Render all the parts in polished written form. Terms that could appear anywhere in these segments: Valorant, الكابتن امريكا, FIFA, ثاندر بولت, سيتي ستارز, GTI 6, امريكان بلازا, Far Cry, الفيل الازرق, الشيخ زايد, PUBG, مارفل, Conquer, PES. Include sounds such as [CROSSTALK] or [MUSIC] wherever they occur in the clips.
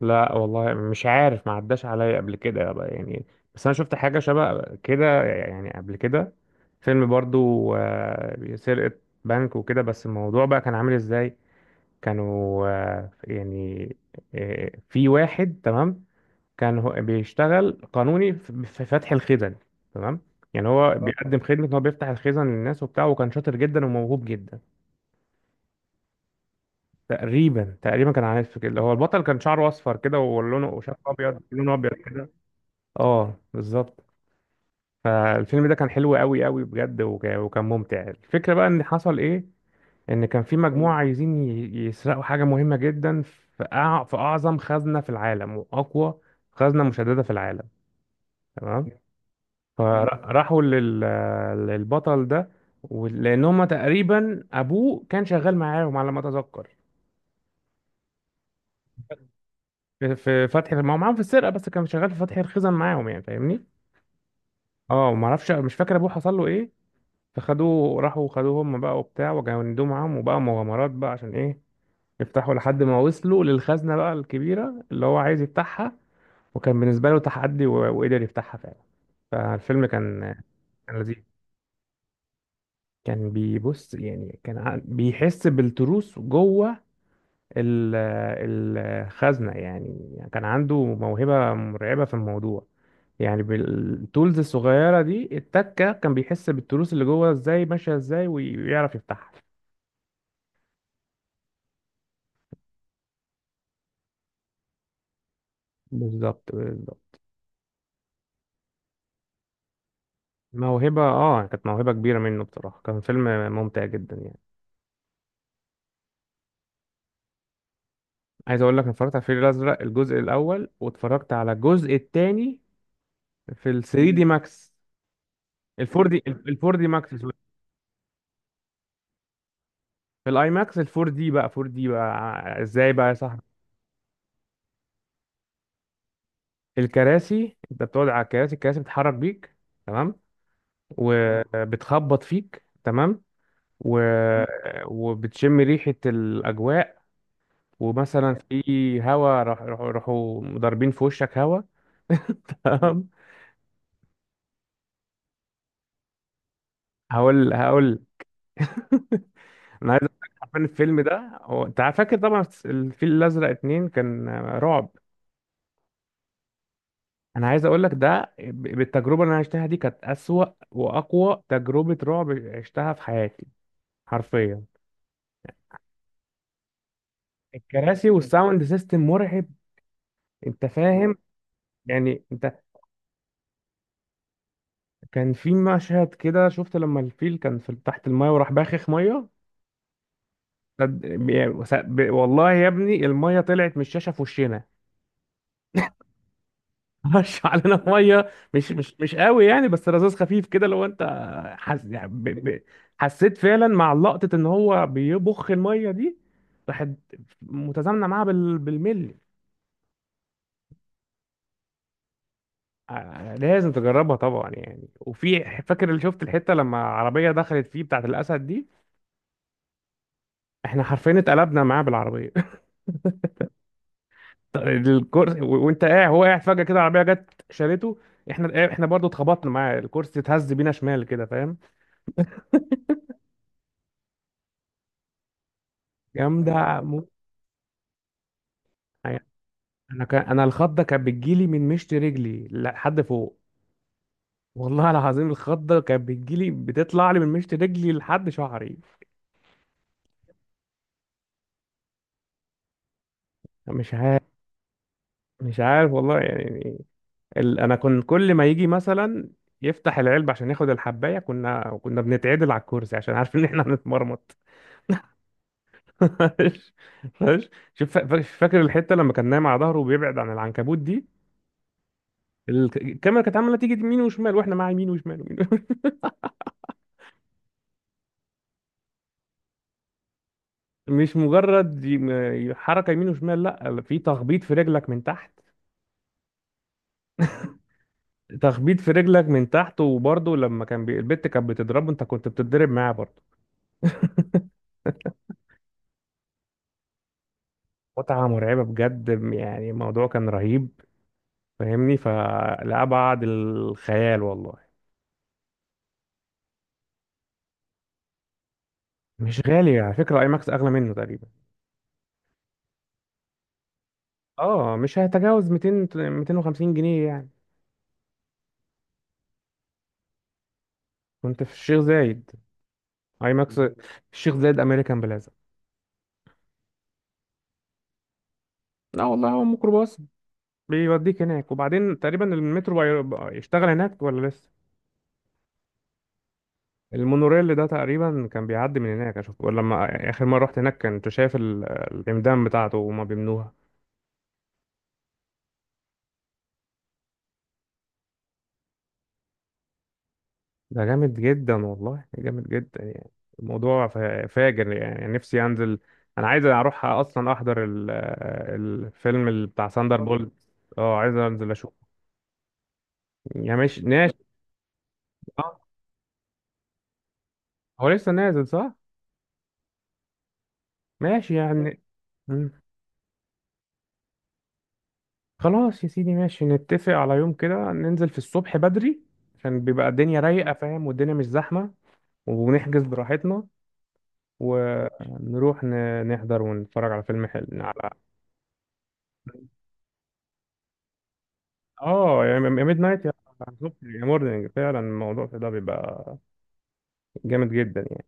لا والله مش عارف، ما عداش عليا قبل كده يابا يعني. بس انا شفت حاجه شبه كده يعني قبل كده، فيلم برضو سرقه بنك وكده. بس الموضوع بقى كان عامل ازاي؟ كانوا في واحد. تمام. كان هو بيشتغل قانوني في فتح الخزن. تمام. يعني هو بيقدم خدمه ان هو بيفتح الخزن للناس وبتاع، وكان شاطر جدا وموهوب جدا. تقريبا كان عارف كده، هو البطل كان شعره اصفر كده ولونه، وشعره ابيض، لونه ابيض كده. اه بالظبط. فالفيلم ده كان حلو قوي قوي بجد، وكان ممتع. الفكرة بقى ان حصل ايه، ان كان في مجموعة عايزين يسرقوا حاجة مهمة جدا في في اعظم خزنة في العالم واقوى خزنة مشددة في العالم. تمام. فراحوا للبطل ده، لان هما تقريبا ابوه كان شغال معاهم على ما اتذكر. في فتح، ما هو معاهم في السرقة بس كان شغال في فتح الخزن معاهم يعني، فاهمني؟ اه ما اعرفش، مش فاكر ابوه حصل له ايه. فخدوه، راحوا خدوه هم بقى وبتاع وجندوه معاهم، وبقى مغامرات بقى عشان ايه، يفتحوا لحد ما وصلوا للخزنة بقى الكبيرة اللي هو عايز يفتحها. وكان بالنسبة له تحدي وقدر يفتحها فعلا. فالفيلم كان، كان لذيذ. كان بيبص يعني، كان بيحس بالتروس جوه ال- الخزنة يعني، كان عنده موهبة مرعبة في الموضوع. يعني بالتولز الصغيرة دي، التكة كان بيحس بالتروس اللي جوه ازاي ماشية ازاي ويعرف يفتحها. بالظبط. موهبة، اه كانت موهبة كبيرة منه بصراحة. كان فيلم ممتع جدا يعني. عايز اقول لك أنا اتفرجت على الفيل الازرق الجزء الاول، واتفرجت على الجزء الثاني في ال 3 دي ماكس. ال 4 دي ماكس سوري. في الاي ماكس ال 4 دي بقى، 4 دي بقى ازاي بقى يا صاحبي؟ الكراسي، انت بتقعد على الكراسي، الكراسي بتتحرك بيك. تمام. وبتخبط فيك. تمام. و... وبتشم ريحة الأجواء. ومثلا في هوا، راحوا ضاربين في وشك هوا. [LAUGHS] تمام. هقول هقول. [LAUGHS] انا عايز اقول لك حرفيا الفيلم ده، هو انت فاكر طبعا الفيل الازرق اتنين كان رعب. انا عايز اقول لك ده بالتجربه اللي انا عشتها دي كانت اسوأ واقوى تجربه رعب عشتها في حياتي حرفيا. الكراسي والساوند سيستم مرعب. انت فاهم يعني، انت، كان في مشهد كده شفت لما الفيل كان في تحت المايه وراح باخخ ميه. والله يا ابني الميه طلعت من الشاشه في وشنا. [LAUGHS] رش علينا ميه، مش قوي يعني، بس رذاذ خفيف كده، لو انت حس يعني حسيت فعلا مع لقطه ان هو بيبخ الميه دي، راحت متزامنه معاها بالملي. لازم تجربها طبعا يعني. وفي، فاكر اللي شفت الحته لما عربيه دخلت فيه بتاعت الاسد دي، احنا حرفيا اتقلبنا معاه بالعربيه، الكرسي وانت قاعد، هو قاعد فجأة كده العربية جت شالته. احنا برضو اتخبطنا معاه، الكرسي اتهز بينا شمال كده، فاهم؟ جامدة موت. يعني انا كان، انا الخضة كانت بتجيلي من مشط رجلي لحد فوق، والله العظيم الخضة كانت بتجيلي، بتطلع لي من مشط رجلي لحد شعري. مش عارف. مش عارف والله يعني. انا كنت كل ما يجي مثلا يفتح العلبة عشان ياخد الحباية، كنا بنتعدل على الكرسي عشان عارفين ان احنا هنتمرمط. [LAUGHS] فاكر الحته لما كان نايم على ظهره وبيبعد عن العنكبوت دي، الكاميرا كانت عماله تيجي يمين وشمال، واحنا مع يمين وشمال ومين. [LAUGHS] مش مجرد حركه يمين وشمال، لا، في تخبيط في رجلك من تحت، تخبيط في رجلك من تحت. وبرضه لما كان البت كانت بتضربه، انت كنت بتتضرب معاه برضه. متعه مرعبه بجد يعني، الموضوع كان رهيب، فاهمني؟ فلأبعد الخيال والله. مش غالي على فكره، اي ماكس اغلى منه تقريبا. اه مش هيتجاوز 200 250 جنيه يعني. كنت في الشيخ زايد، اي ماكس. الشيخ زايد امريكان بلازا. لا والله هو ميكروباص بيوديك هناك. وبعدين تقريبا المترو بقى يشتغل هناك ولا لسه؟ المونوريل ده تقريبا كان بيعدي من هناك، اشوف، ولا لما اخر مره رحت هناك كنت شايف العمدان بتاعته وهما بيبنوها. ده جامد جدا والله، جامد جدا يعني، الموضوع فاجر يعني. نفسي انزل. انا عايز اروح اصلا احضر الفيلم اللي بتاع ساندر اه بولت. اه عايز انزل اشوفه، يعني ماشي ناشي. اه هو لسه نازل صح؟ ماشي يعني. مم. خلاص يا سيدي، ماشي، نتفق على يوم كده ننزل في الصبح بدري، عشان بيبقى الدنيا رايقة فاهم، والدنيا مش زحمة، ونحجز براحتنا، ونروح نحضر ونتفرج على فيلم حلو، على، اه، يا ميد نايت، يا الصبح، يا مورنينج. فعلا الموضوع ده بيبقى جامد جدا يعني.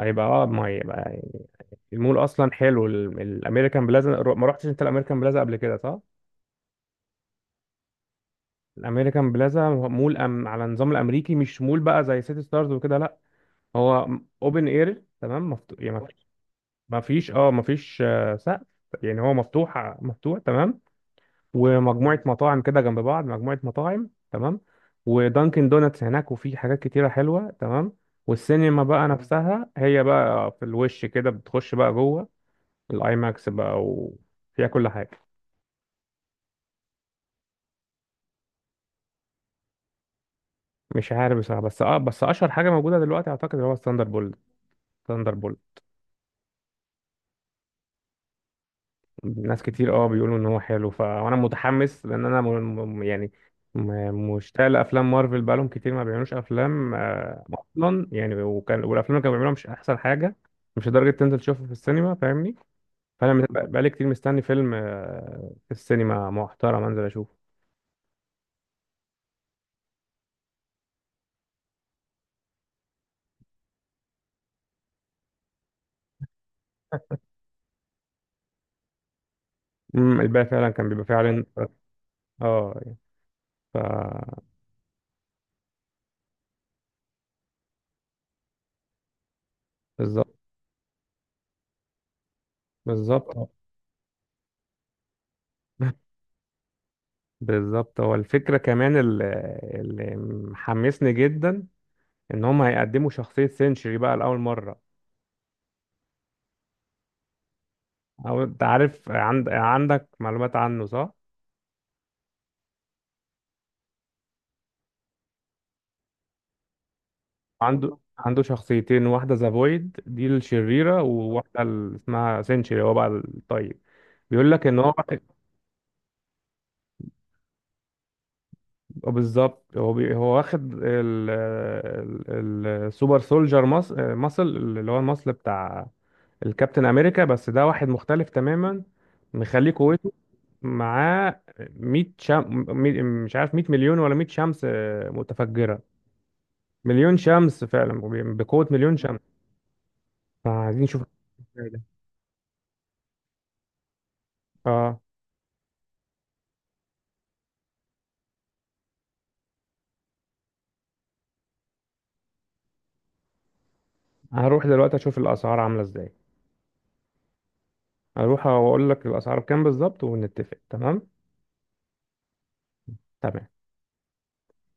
هيبقى، اه ما هيبقى يعني. المول اصلا حلو الامريكان بلازا. ما رحتش انت الامريكان بلازا قبل كده صح؟ الامريكان بلازا مول على النظام الامريكي، مش مول بقى زي سيتي ستارز وكده، لا. هو اوبن اير، تمام، مفتوح يعني. ما فيش سقف يعني، هو مفتوح، مفتوح تمام. ومجموعة مطاعم كده جنب بعض، مجموعة مطاعم تمام. ودانكن دوناتس هناك، وفي حاجات كتيرة حلوة تمام. والسينما بقى نفسها هي بقى في الوش كده، بتخش بقى جوه الاي ماكس بقى، وفيها كل حاجة. مش عارف بصراحة، بس اه بس اشهر حاجة موجودة دلوقتي اعتقد اللي هو الثاندر بولت. ثاندر بولت. ناس كتير اه بيقولوا ان هو حلو. وانا متحمس، لان انا يعني مشتاق لافلام مارفل، بقالهم كتير ما بيعملوش افلام اصلا يعني، وكان، والافلام اللي كانوا بيعملوها مش احسن حاجه، مش لدرجه تنزل تشوفها في السينما فاهمني. فانا بقالي كتير مستني فيلم في السينما محترم انزل اشوفه. امم، الباقي فعلا كان بيبقى فيه عليه. اه يعني، ف بالظبط. بالظبط. [LAUGHS] بالظبط، هو الفكره كمان اللي، اللي محمسني جدا ان هم هيقدموا شخصية سينشري بقى لأول مرة. او انت عارف، عندك معلومات عنه صح؟ عنده شخصيتين، واحدة ذا فويد دي الشريرة، وواحدة اسمها سينشري، هو بقى الطيب. بيقول لك ان هو بالظبط. هو هو واخد السوبر سولجر مصل اللي هو المصل بتاع الكابتن امريكا، بس ده واحد مختلف تماما، مخليه قوته. معاه 100 مش عارف، 100 مليون ولا 100 شمس متفجرة. مليون شمس فعلا، بقوة مليون شمس. فعايزين نشوف ازاي ده. اه هروح دلوقتي اشوف الاسعار عاملة ازاي. هروح واقول لك الاسعار بكام بالظبط، ونتفق. تمام. تمام